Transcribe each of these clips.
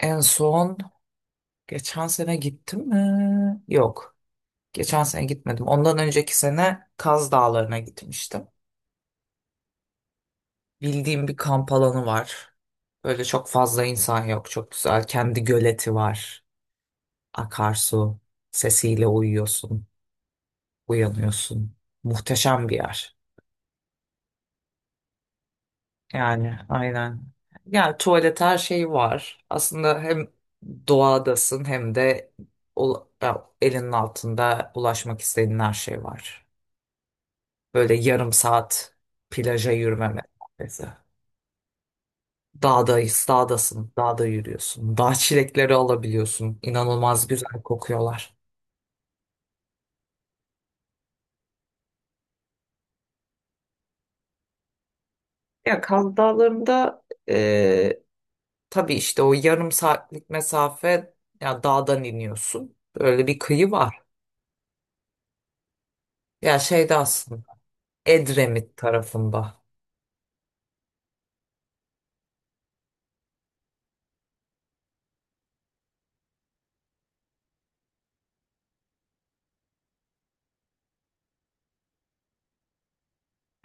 En son geçen sene gittim mi? Yok. Geçen sene gitmedim. Ondan önceki sene Kaz Dağları'na gitmiştim. Bildiğim bir kamp alanı var. Böyle çok fazla insan yok. Çok güzel. Kendi göleti var. Akarsu. Sesiyle uyuyorsun. Uyanıyorsun. Muhteşem bir yer. Yani aynen. Yani tuvalet her şey var. Aslında hem doğadasın hem de elinin altında ulaşmak istediğin her şey var. Böyle yarım saat plaja yürüme mesafesi. Dağdayız, dağdasın, dağda yürüyorsun. Dağ çilekleri alabiliyorsun. İnanılmaz güzel kokuyorlar. Ya Kaz Dağları'nda e, tabii işte o yarım saatlik mesafe ya dağdan iniyorsun. Böyle bir kıyı var. Ya şeyde aslında Edremit tarafında.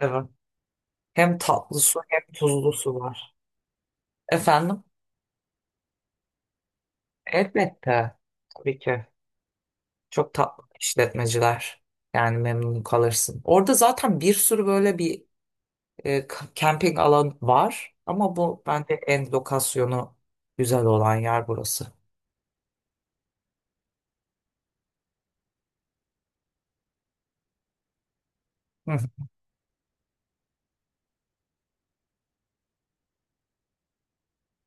Evet. Hem tatlı su hem tuzlu su var. Efendim? Elbette. Tabii ki. Çok tatlı işletmeciler. Yani memnun kalırsın. Orada zaten bir sürü böyle bir Camping alan var ama bu bence en lokasyonu güzel olan yer burası. Hı hı.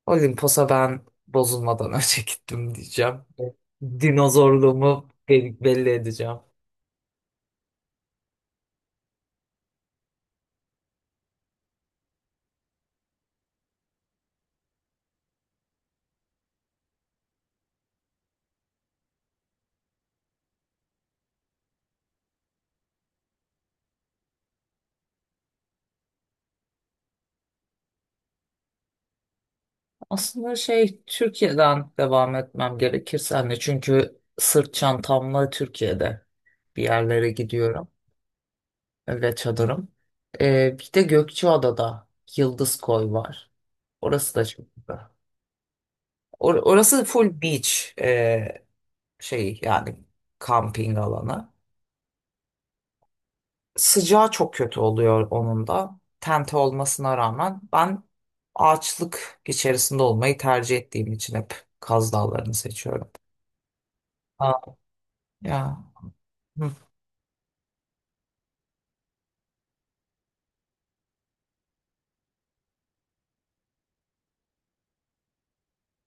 Olimpos'a ben bozulmadan önce gittim diyeceğim. Evet. Dinozorluğumu belli edeceğim. Aslında şey Türkiye'den devam etmem gerekirse hani çünkü sırt çantamla Türkiye'de bir yerlere gidiyorum ve çadırım. Bir de Gökçeada'da Yıldız Koy var. Orası da çok güzel. Orası full beach. Şey yani kamping alanı. Sıcağı çok kötü oluyor onun da. Tente olmasına rağmen ben ağaçlık içerisinde olmayı tercih ettiğim için hep Kaz Dağları'nı seçiyorum. Aa. Ya. Hı.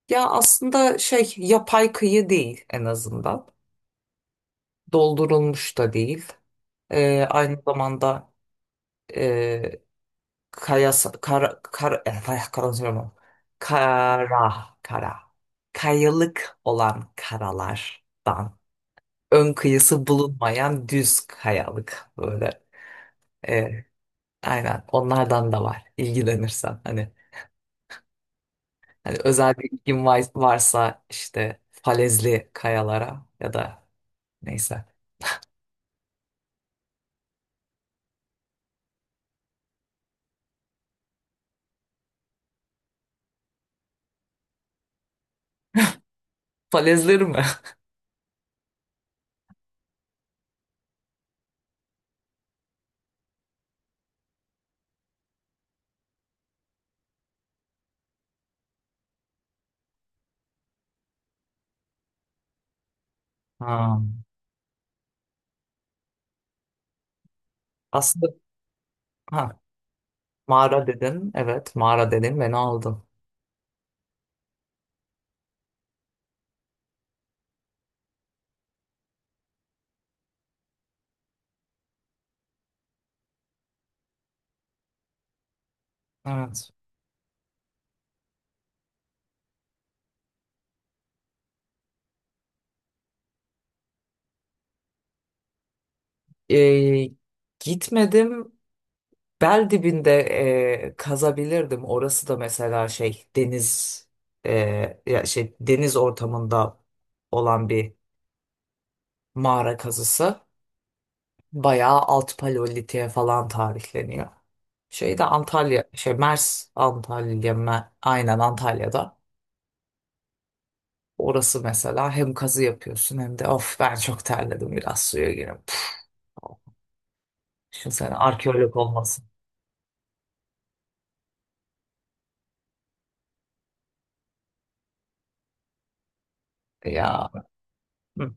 Ya aslında şey yapay kıyı değil en azından. Doldurulmuş da değil. Aynı zamanda e, kaya konuşamıyorum. Kara kara kayalık olan karalardan ön kıyısı bulunmayan düz kayalık böyle. E, aynen onlardan da var ilgilenirsen. Hani özel bir varsa işte falezli kayalara ya da neyse. Falezleri mi? Ha. Aslında ha, mağara dedin. Evet mağara dedin beni aldın. Evet. E, gitmedim. Bel dibinde kazabilirdim. Orası da mesela şey deniz e, ya şey deniz ortamında olan bir mağara kazısı. Bayağı alt paleolitiğe falan tarihleniyor. Şey de Antalya, şey Mers Antalya, Me- aynen Antalya'da. Orası mesela hem kazı yapıyorsun hem de of ben çok terledim biraz suya gireyim. Şimdi sen arkeolog olmasın. Ya. Hı.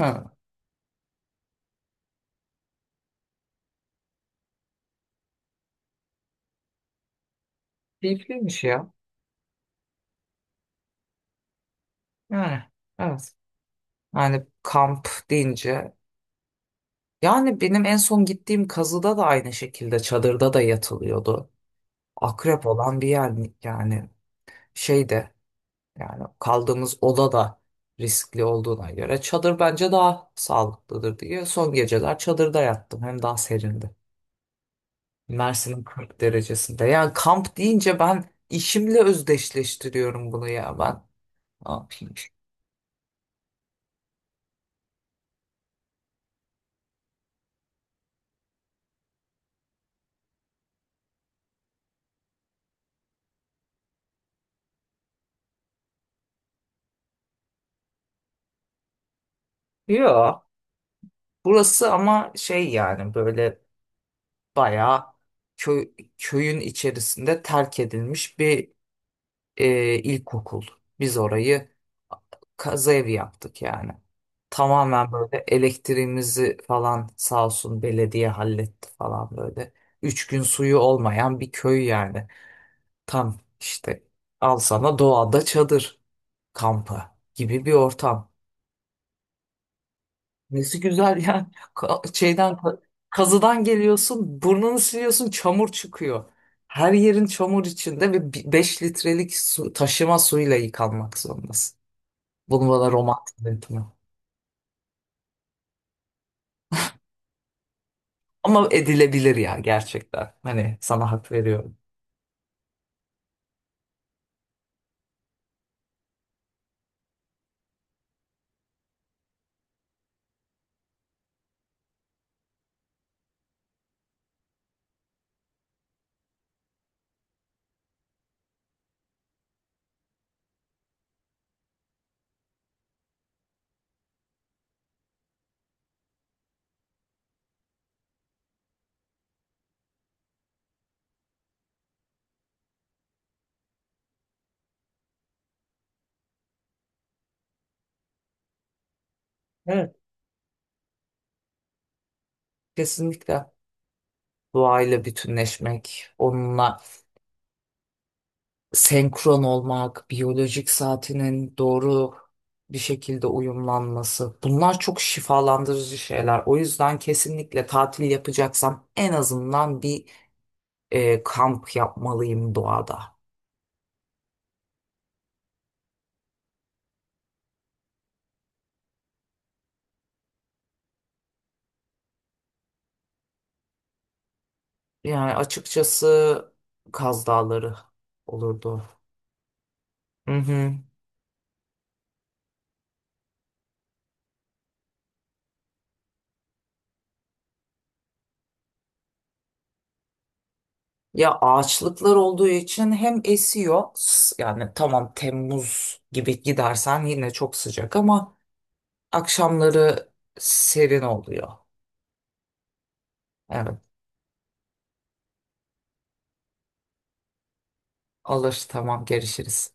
Hı. Keyifliymiş ya. Yani. Evet. Yani kamp deyince. Yani benim en son gittiğim kazıda da aynı şekilde çadırda da yatılıyordu. Akrep olan bir yer mi- yani şey de yani kaldığımız oda da riskli olduğuna göre çadır bence daha sağlıklıdır diye son geceler çadırda yattım. Hem daha serindi. Mersin'in 40 derecesinde. Yani kamp deyince ben işimle özdeşleştiriyorum bunu ya ben. Ne yapayım? Yok. Burası ama şey yani böyle bayağı köy, köyün içerisinde terk edilmiş bir ilkokul. Biz orayı kaza evi yaptık yani. Tamamen böyle elektriğimizi falan sağ olsun belediye halletti falan böyle. Üç gün suyu olmayan bir köy yani. Tam işte al sana doğada çadır kampı gibi bir ortam. Nesi güzel yani. Ka- şeyden ka- kazıdan geliyorsun, burnunu siliyorsun, çamur çıkıyor. Her yerin çamur içinde ve 5 litrelik su, taşıma suyla yıkanmak zorundasın. Bunu bana romantik etme. Ama edilebilir ya gerçekten. Hani sana hak veriyorum. Evet, kesinlikle. Doğayla bütünleşmek, onunla senkron olmak, biyolojik saatinin doğru bir şekilde uyumlanması. Bunlar çok şifalandırıcı şeyler. O yüzden kesinlikle tatil yapacaksam en azından bir kamp yapmalıyım doğada. Yani açıkçası Kaz Dağları olurdu. Hı hı. Ya ağaçlıklar olduğu için hem esiyor yani tamam Temmuz gibi gidersen yine çok sıcak ama akşamları serin oluyor. Evet alır tamam görüşürüz.